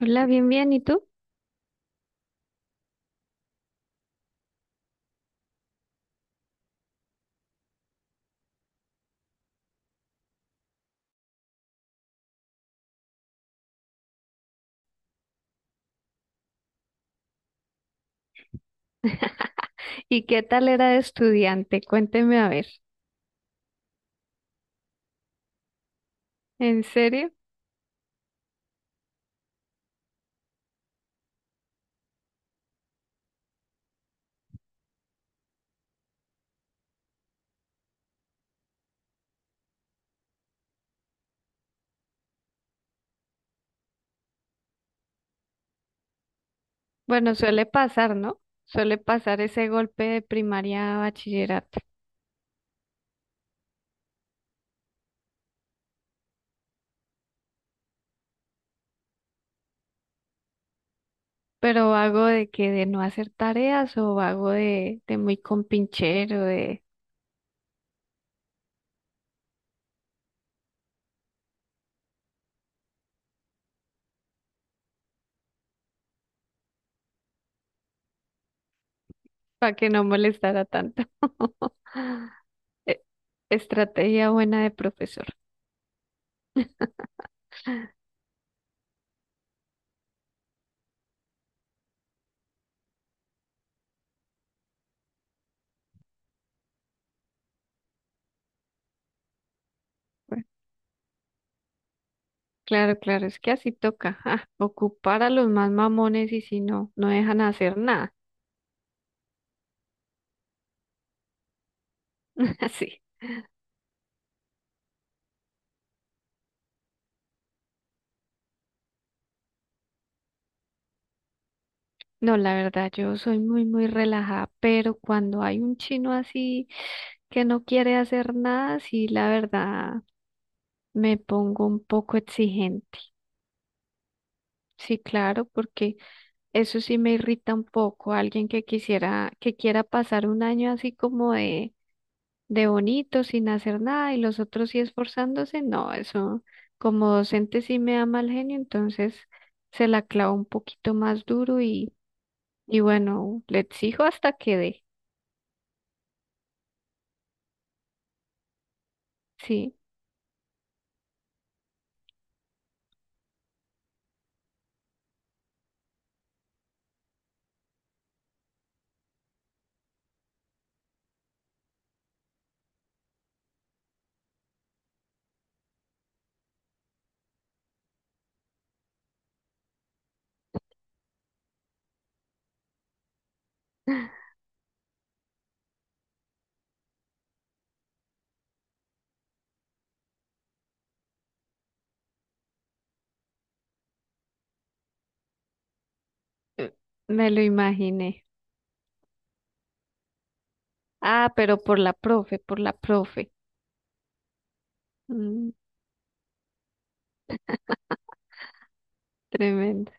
Hola, bien, bien. ¿Y tú? ¿Y qué tal era de estudiante? Cuénteme a ver. ¿En serio? Bueno, suele pasar, ¿no? Suele pasar ese golpe de primaria a bachillerato. Pero vago de que de no hacer tareas o vago de muy compinchero, de para que no molestara tanto. E- Estrategia buena de profesor. Bueno, claro, claro, es que así toca. Ah, ocupar a los más mamones y si no, no dejan hacer nada. Así. No, la verdad, yo soy muy relajada, pero cuando hay un chino así que no quiere hacer nada, sí, la verdad, me pongo un poco exigente. Sí, claro, porque eso sí me irrita un poco. Alguien que que quiera pasar un año así como de bonito, sin hacer nada, y los otros sí esforzándose, no, eso como docente sí me da mal genio, entonces se la clavo un poquito más duro y bueno, le exijo hasta que dé, sí. Eh, Me lo imaginé. Ah, pero por la profe, por la profe. Mm, tremendo.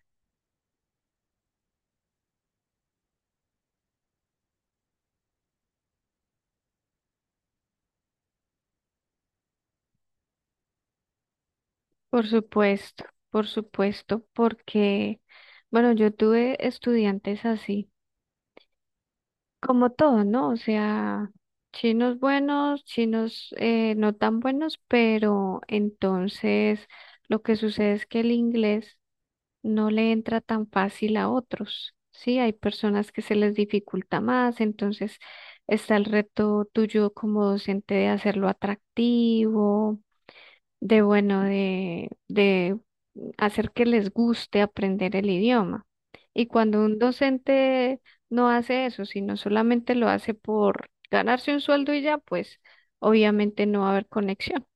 Por supuesto, por supuesto, porque, bueno, yo tuve estudiantes así, como todo, ¿no? O sea, chinos buenos, chinos no tan buenos, pero entonces lo que sucede es que el inglés no le entra tan fácil a otros, ¿sí? Hay personas que se les dificulta más, entonces está el reto tuyo como docente de hacerlo atractivo, de bueno, de hacer que les guste aprender el idioma. Y cuando un docente no hace eso, sino solamente lo hace por ganarse un sueldo y ya, pues obviamente no va a haber conexión,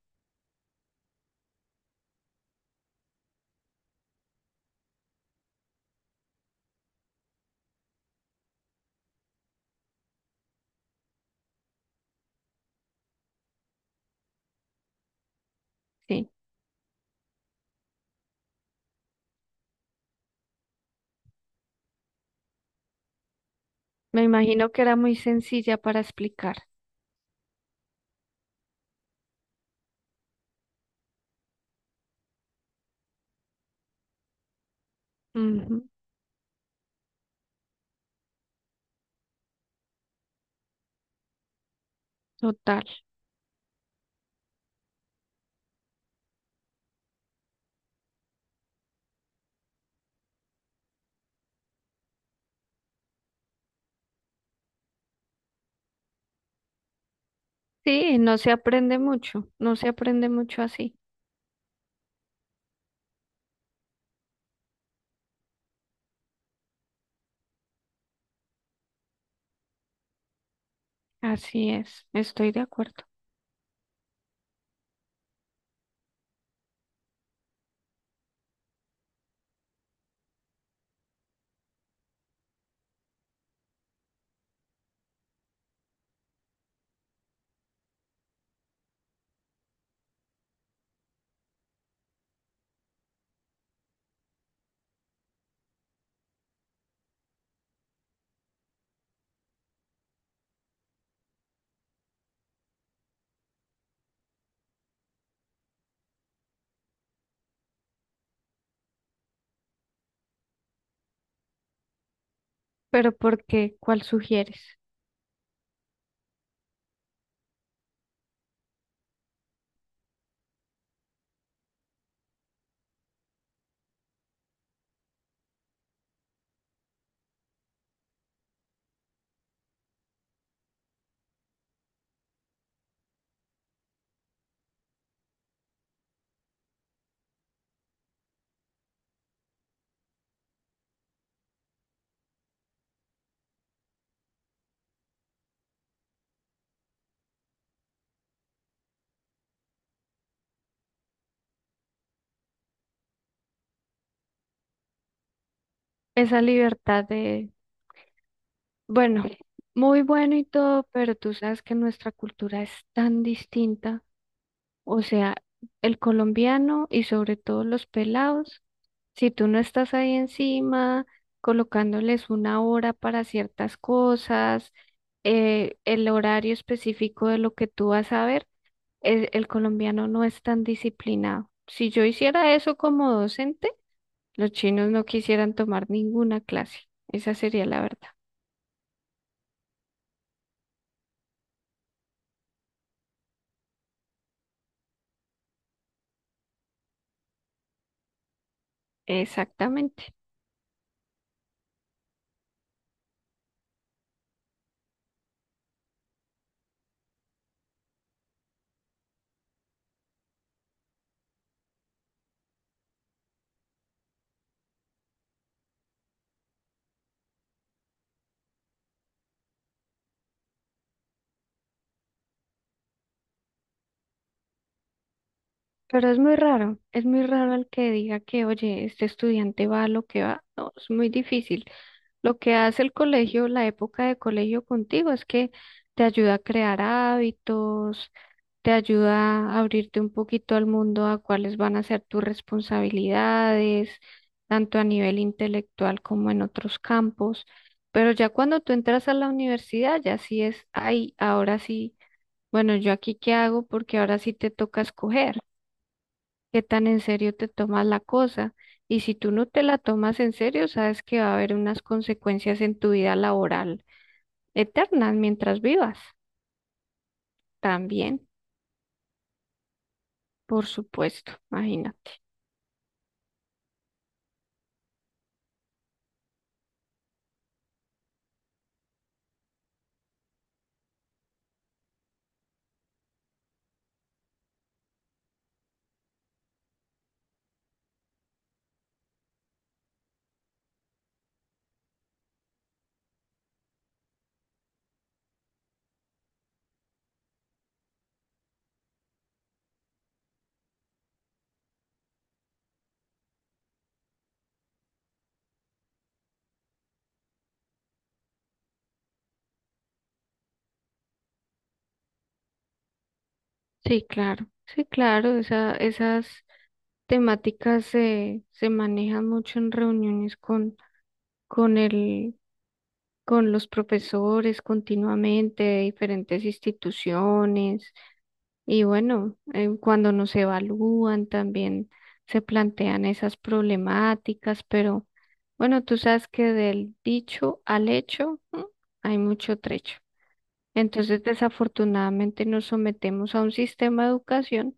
¿sí? Me imagino que era muy sencilla para explicar. Ujú, total. Sí, no se aprende mucho, no se aprende mucho así. Así es, estoy de acuerdo. Pero ¿por qué? ¿Cuál sugieres? Esa libertad de, bueno, muy bueno y todo, pero tú sabes que nuestra cultura es tan distinta. O sea, el colombiano y sobre todo los pelados, si tú no estás ahí encima, colocándoles una hora para ciertas cosas, el horario específico de lo que tú vas a ver el colombiano no es tan disciplinado. Si yo hiciera eso como docente, los chinos no quisieran tomar ninguna clase. Esa sería la verdad. Exactamente. Pero es muy raro el que diga que, oye, este estudiante va a lo que va. No, es muy difícil. Lo que hace el colegio, la época de colegio contigo, es que te ayuda a crear hábitos, te ayuda a abrirte un poquito al mundo a cuáles van a ser tus responsabilidades, tanto a nivel intelectual como en otros campos. Pero ya cuando tú entras a la universidad, ya sí es, ay, ahora sí, bueno, ¿yo aquí qué hago? Porque ahora sí te toca escoger qué tan en serio te tomas la cosa. Y si tú no te la tomas en serio, sabes que va a haber unas consecuencias en tu vida laboral eternas mientras vivas. También, por supuesto, imagínate. Sí, claro, sí, claro, esa, esas temáticas se manejan mucho en reuniones con el, con los profesores continuamente de diferentes instituciones. Y bueno, cuando nos evalúan también se plantean esas problemáticas, pero bueno, tú sabes que del dicho al hecho, ¿m? Hay mucho trecho. Entonces, desafortunadamente nos sometemos a un sistema de educación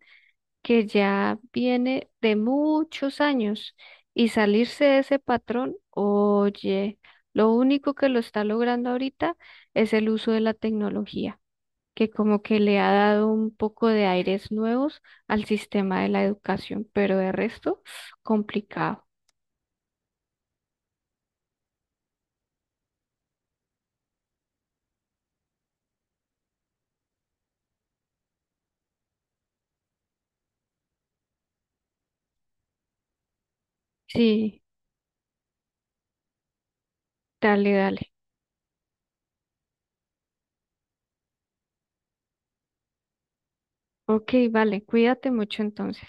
que ya viene de muchos años y salirse de ese patrón, oye, lo único que lo está logrando ahorita es el uso de la tecnología que como que le ha dado un poco de aires nuevos al sistema de la educación, pero de resto, complicado. Sí, dale, dale. Ok, vale, cuídate mucho entonces.